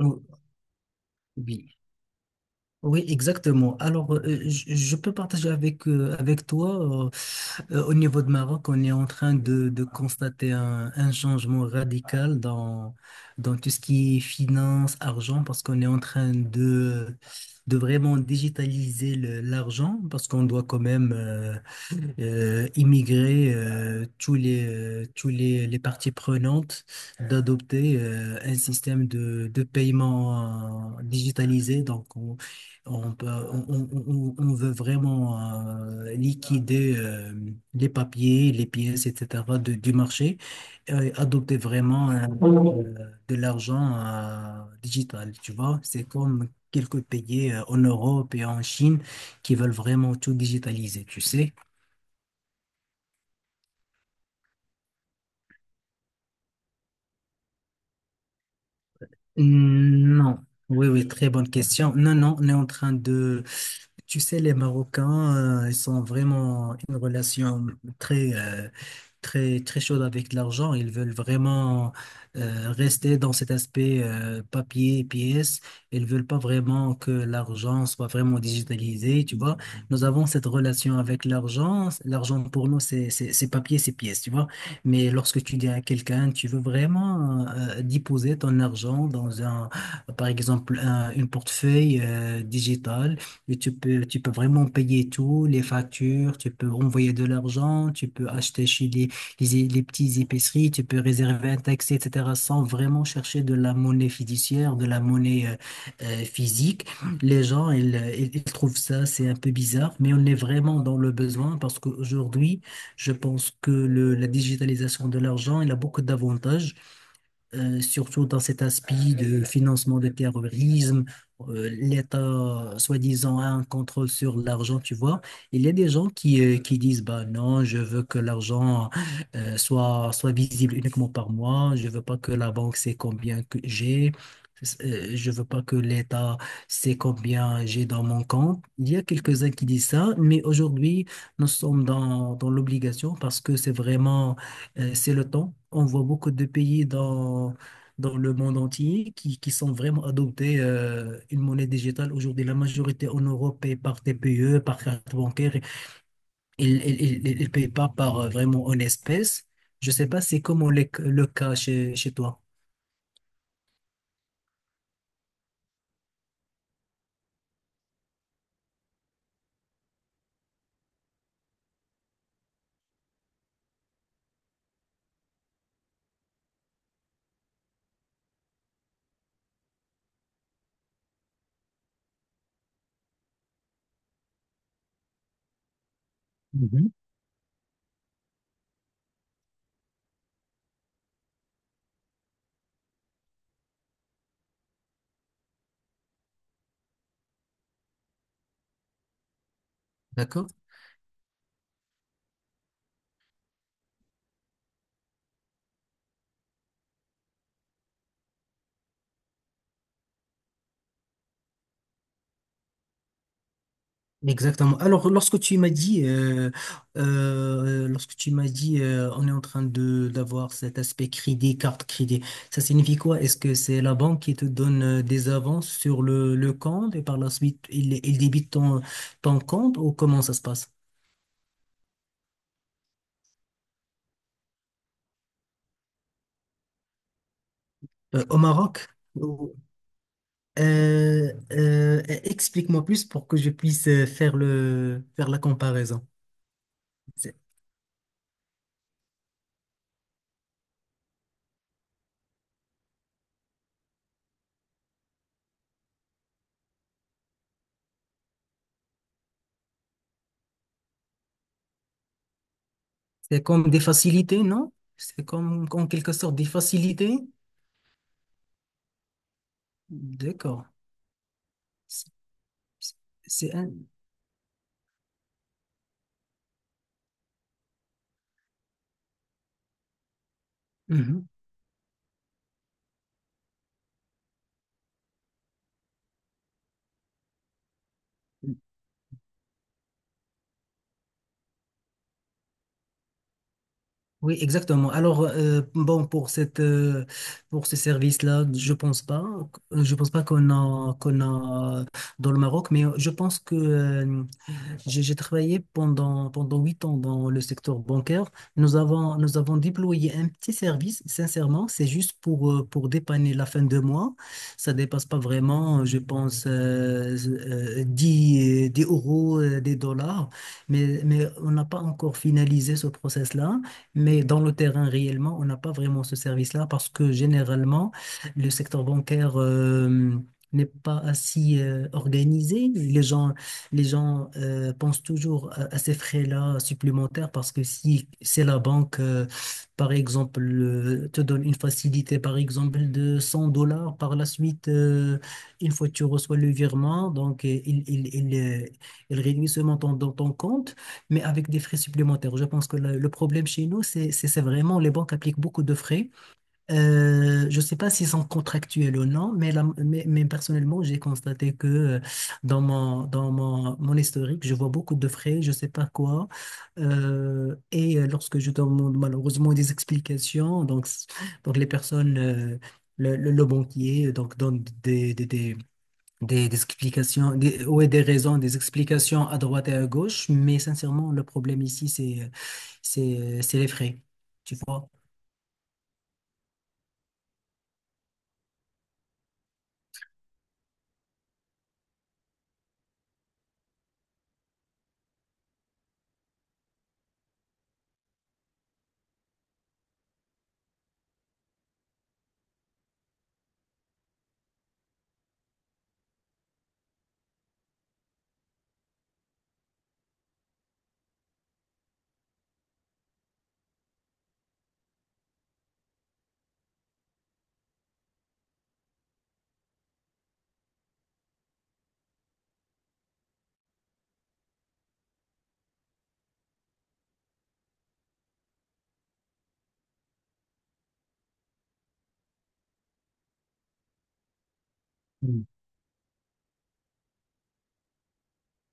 Oh, oui, oui, exactement. Alors, je peux partager avec, avec toi, au niveau de Maroc, on est en train de constater un changement radical dans tout ce qui est finance, argent, parce qu'on est en train de vraiment digitaliser l'argent, parce qu'on doit quand même immigrer tous les parties prenantes d'adopter un système de paiement digitalisé. Donc, on, peut- on veut vraiment liquider les papiers, les pièces, etc. Du marché et adopter vraiment de l'argent digital. Tu vois, c'est comme quelques pays en Europe et en Chine qui veulent vraiment tout digitaliser, tu sais. Non. Oui, oui, très bonne question. Non, non, on est en train de. Tu sais, les Marocains, ils sont vraiment une relation très, euh, très, très chaude avec l'argent. Ils veulent vraiment rester dans cet aspect papier, pièce. Ils veulent pas vraiment que l'argent soit vraiment digitalisé, tu vois. Nous avons cette relation avec l'argent. L'argent pour nous, c'est papier, c'est pièce, tu vois. Mais lorsque tu dis à quelqu'un, tu veux vraiment déposer ton argent dans un, par exemple, une portefeuille digitale, et tu peux vraiment payer tout, les factures, tu peux envoyer de l'argent, tu peux acheter chez les, les petites épiceries, tu peux réserver un taxi, etc., sans vraiment chercher de la monnaie fiduciaire, de la monnaie physique. Les gens, ils trouvent ça, c'est un peu bizarre, mais on est vraiment dans le besoin parce qu'aujourd'hui, je pense que la digitalisation de l'argent, il a beaucoup d'avantages surtout dans cet aspect de financement de terrorisme. L'État, soi-disant, a un contrôle sur l'argent, tu vois. Il y a des gens qui disent, bah non, je veux que l'argent soit visible uniquement par moi, je veux pas que la banque sait combien que j'ai. Je veux pas que l'État sait combien j'ai dans mon compte. Il y a quelques-uns qui disent ça, mais aujourd'hui, nous sommes dans l'obligation parce que c'est vraiment c'est le temps. On voit beaucoup de pays dans le monde entier qui sont vraiment adoptés une monnaie digitale. Aujourd'hui, la majorité en Europe paye par TPE, par carte bancaire. Ils ne payent pas par vraiment en espèces. Je ne sais pas, c'est comment le cas chez toi. Mhm. D'accord? Exactement. Alors, lorsque tu m'as dit, on est en train de d'avoir cet aspect crédit, carte crédit, ça signifie quoi? Est-ce que c'est la banque qui te donne des avances sur le compte et par la suite, il débite ton compte ou comment ça se passe? Au Maroc? Ou- Explique-moi plus pour que je puisse faire faire la comparaison. C'est c'est comme des facilités, non? C'est comme, en quelque sorte des facilités? D'accord. C'est c'est un... Mhm. Oui, exactement. Alors, bon, pour ce service-là, je pense pas qu'on a dans le Maroc, mais je pense que j'ai travaillé pendant 8 ans dans le secteur bancaire. Nous avons déployé un petit service, sincèrement, c'est juste pour dépanner la fin de mois. Ça dépasse pas vraiment, je pense, 10, 10 euros, des dollars. Mais on n'a pas encore finalisé ce process-là. Mais dans le terrain, réellement, on n'a pas vraiment ce service-là parce que généralement, le secteur bancaire n'est pas assez organisé. Les gens pensent toujours à ces frais-là supplémentaires parce que si c'est la banque, par exemple, te donne une facilité, par exemple, de 100 dollars, par la suite, une fois que tu reçois le virement, donc il réduit ce montant dans ton compte, mais avec des frais supplémentaires. Je pense que le problème chez nous, c'est vraiment les banques appliquent beaucoup de frais je ne sais pas s'ils sont contractuels ou non, mais personnellement, j'ai constaté que dans mon historique, je vois beaucoup de frais, je ne sais pas quoi. Et lorsque je demande malheureusement des explications, donc, donc les personnes, le banquier, donc donne des explications, ouais, des raisons, des explications à droite et à gauche, mais sincèrement, le problème ici, c'est les frais, tu vois.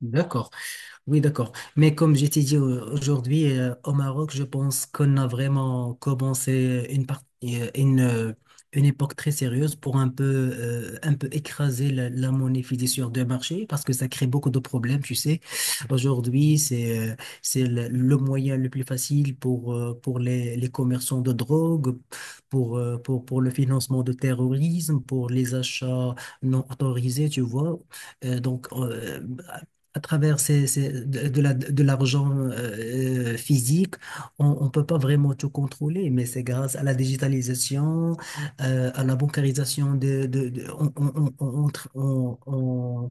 D'accord. Oui, d'accord. Mais comme je t'ai dit aujourd'hui, au Maroc, je pense qu'on a vraiment commencé euh, une, euh, une époque très sérieuse pour un peu écraser la monnaie fiduciaire de marché parce que ça crée beaucoup de problèmes, tu sais. Aujourd'hui, c'est le moyen le plus facile pour les commerçants de drogue, pour le financement de terrorisme, pour les achats non autorisés, tu vois. Donc, à travers de l'argent physique, on ne peut pas vraiment tout contrôler, mais c'est grâce à la digitalisation, à la bancarisation, on- on- on-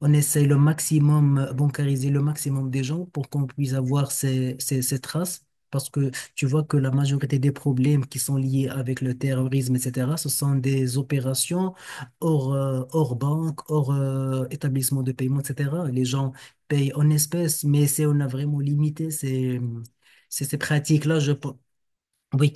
on essaye le maximum, bancariser le maximum des gens pour qu'on puisse avoir ces traces. Parce que tu vois que la majorité des problèmes qui sont liés avec le terrorisme, etc., ce sont des opérations hors banque, hors établissement de paiement, etc. Les gens payent en espèces, mais c'est on a vraiment limité ces pratiques-là, oui.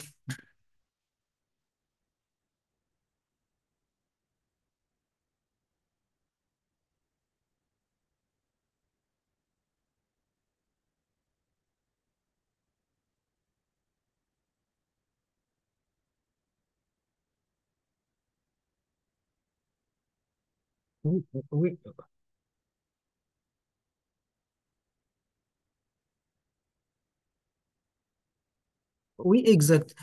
Oui, oui, oui, exact.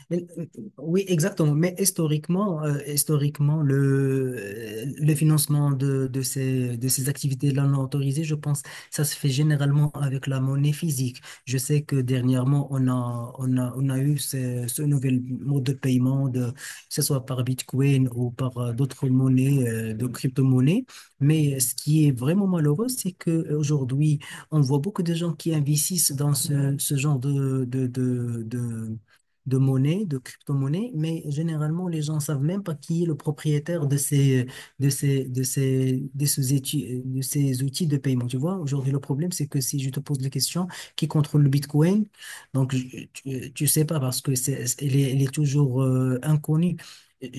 Oui, exactement. Mais historiquement, le financement de ces, de ces activités-là non autorisées, je pense, ça se fait généralement avec la monnaie physique. Je sais que dernièrement, on a eu ce nouvel mode de paiement, que ce soit par Bitcoin ou par d'autres monnaies, de crypto-monnaies. Mais ce qui est vraiment malheureux, c'est qu'aujourd'hui, on voit beaucoup de gens qui investissent dans ce genre de monnaie, de crypto-monnaie, mais généralement, les gens ne savent même pas qui est le propriétaire de ces outils de paiement. Tu vois, aujourd'hui, le problème, c'est que si je te pose la question, qui contrôle le Bitcoin? Donc, tu sais pas parce que il est toujours inconnu.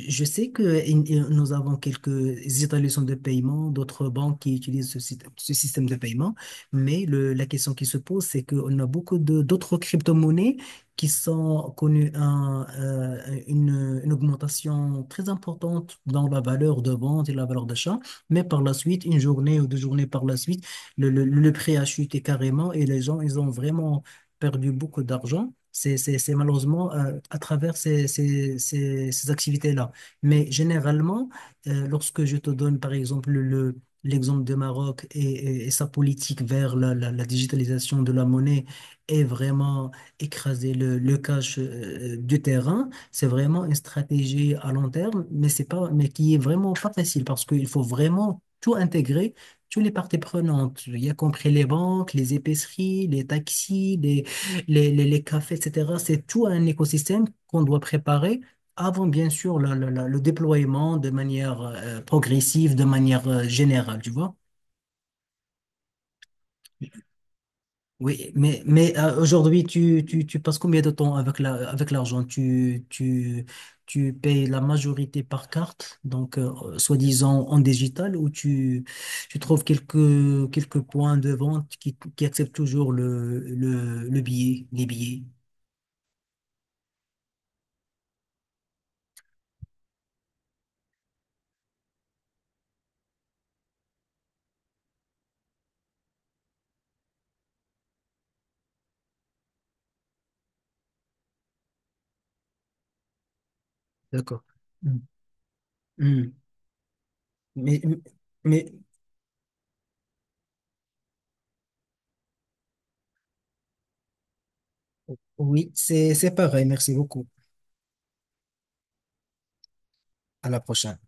Je sais que in- nous avons quelques établissements de paiement, d'autres banques qui utilisent ce système de paiement, mais la question qui se pose, c'est qu'on a beaucoup d'autres crypto-monnaies qui sont connus une augmentation très importante dans la valeur de vente et la valeur d'achat, mais par la suite, une journée ou 2 journées par la suite, le prix a chuté carrément et les gens, ils ont vraiment perdu beaucoup d'argent. C'est malheureusement à travers ces activités-là. Mais généralement, lorsque je te donne, par exemple, l'exemple de Maroc et sa politique vers la digitalisation de la monnaie est vraiment écraser le cash du terrain. C'est vraiment une stratégie à long terme, mais qui est vraiment pas facile parce qu'il faut vraiment tout intégrer, tous les parties prenantes, y a compris les banques, les épiceries, les taxis, les, les cafés, etc. C'est tout un écosystème qu'on doit préparer. Avant, bien sûr, le déploiement de manière progressive, de manière générale, tu vois. Oui, aujourd'hui, tu passes combien de temps avec avec l'argent? Tu payes la majorité par carte, donc soi-disant en digital, ou tu trouves quelques points de vente qui acceptent toujours les billets? D'accord. Mm. Mm. Mais, mais oui, c'est pareil. Merci beaucoup. À la prochaine.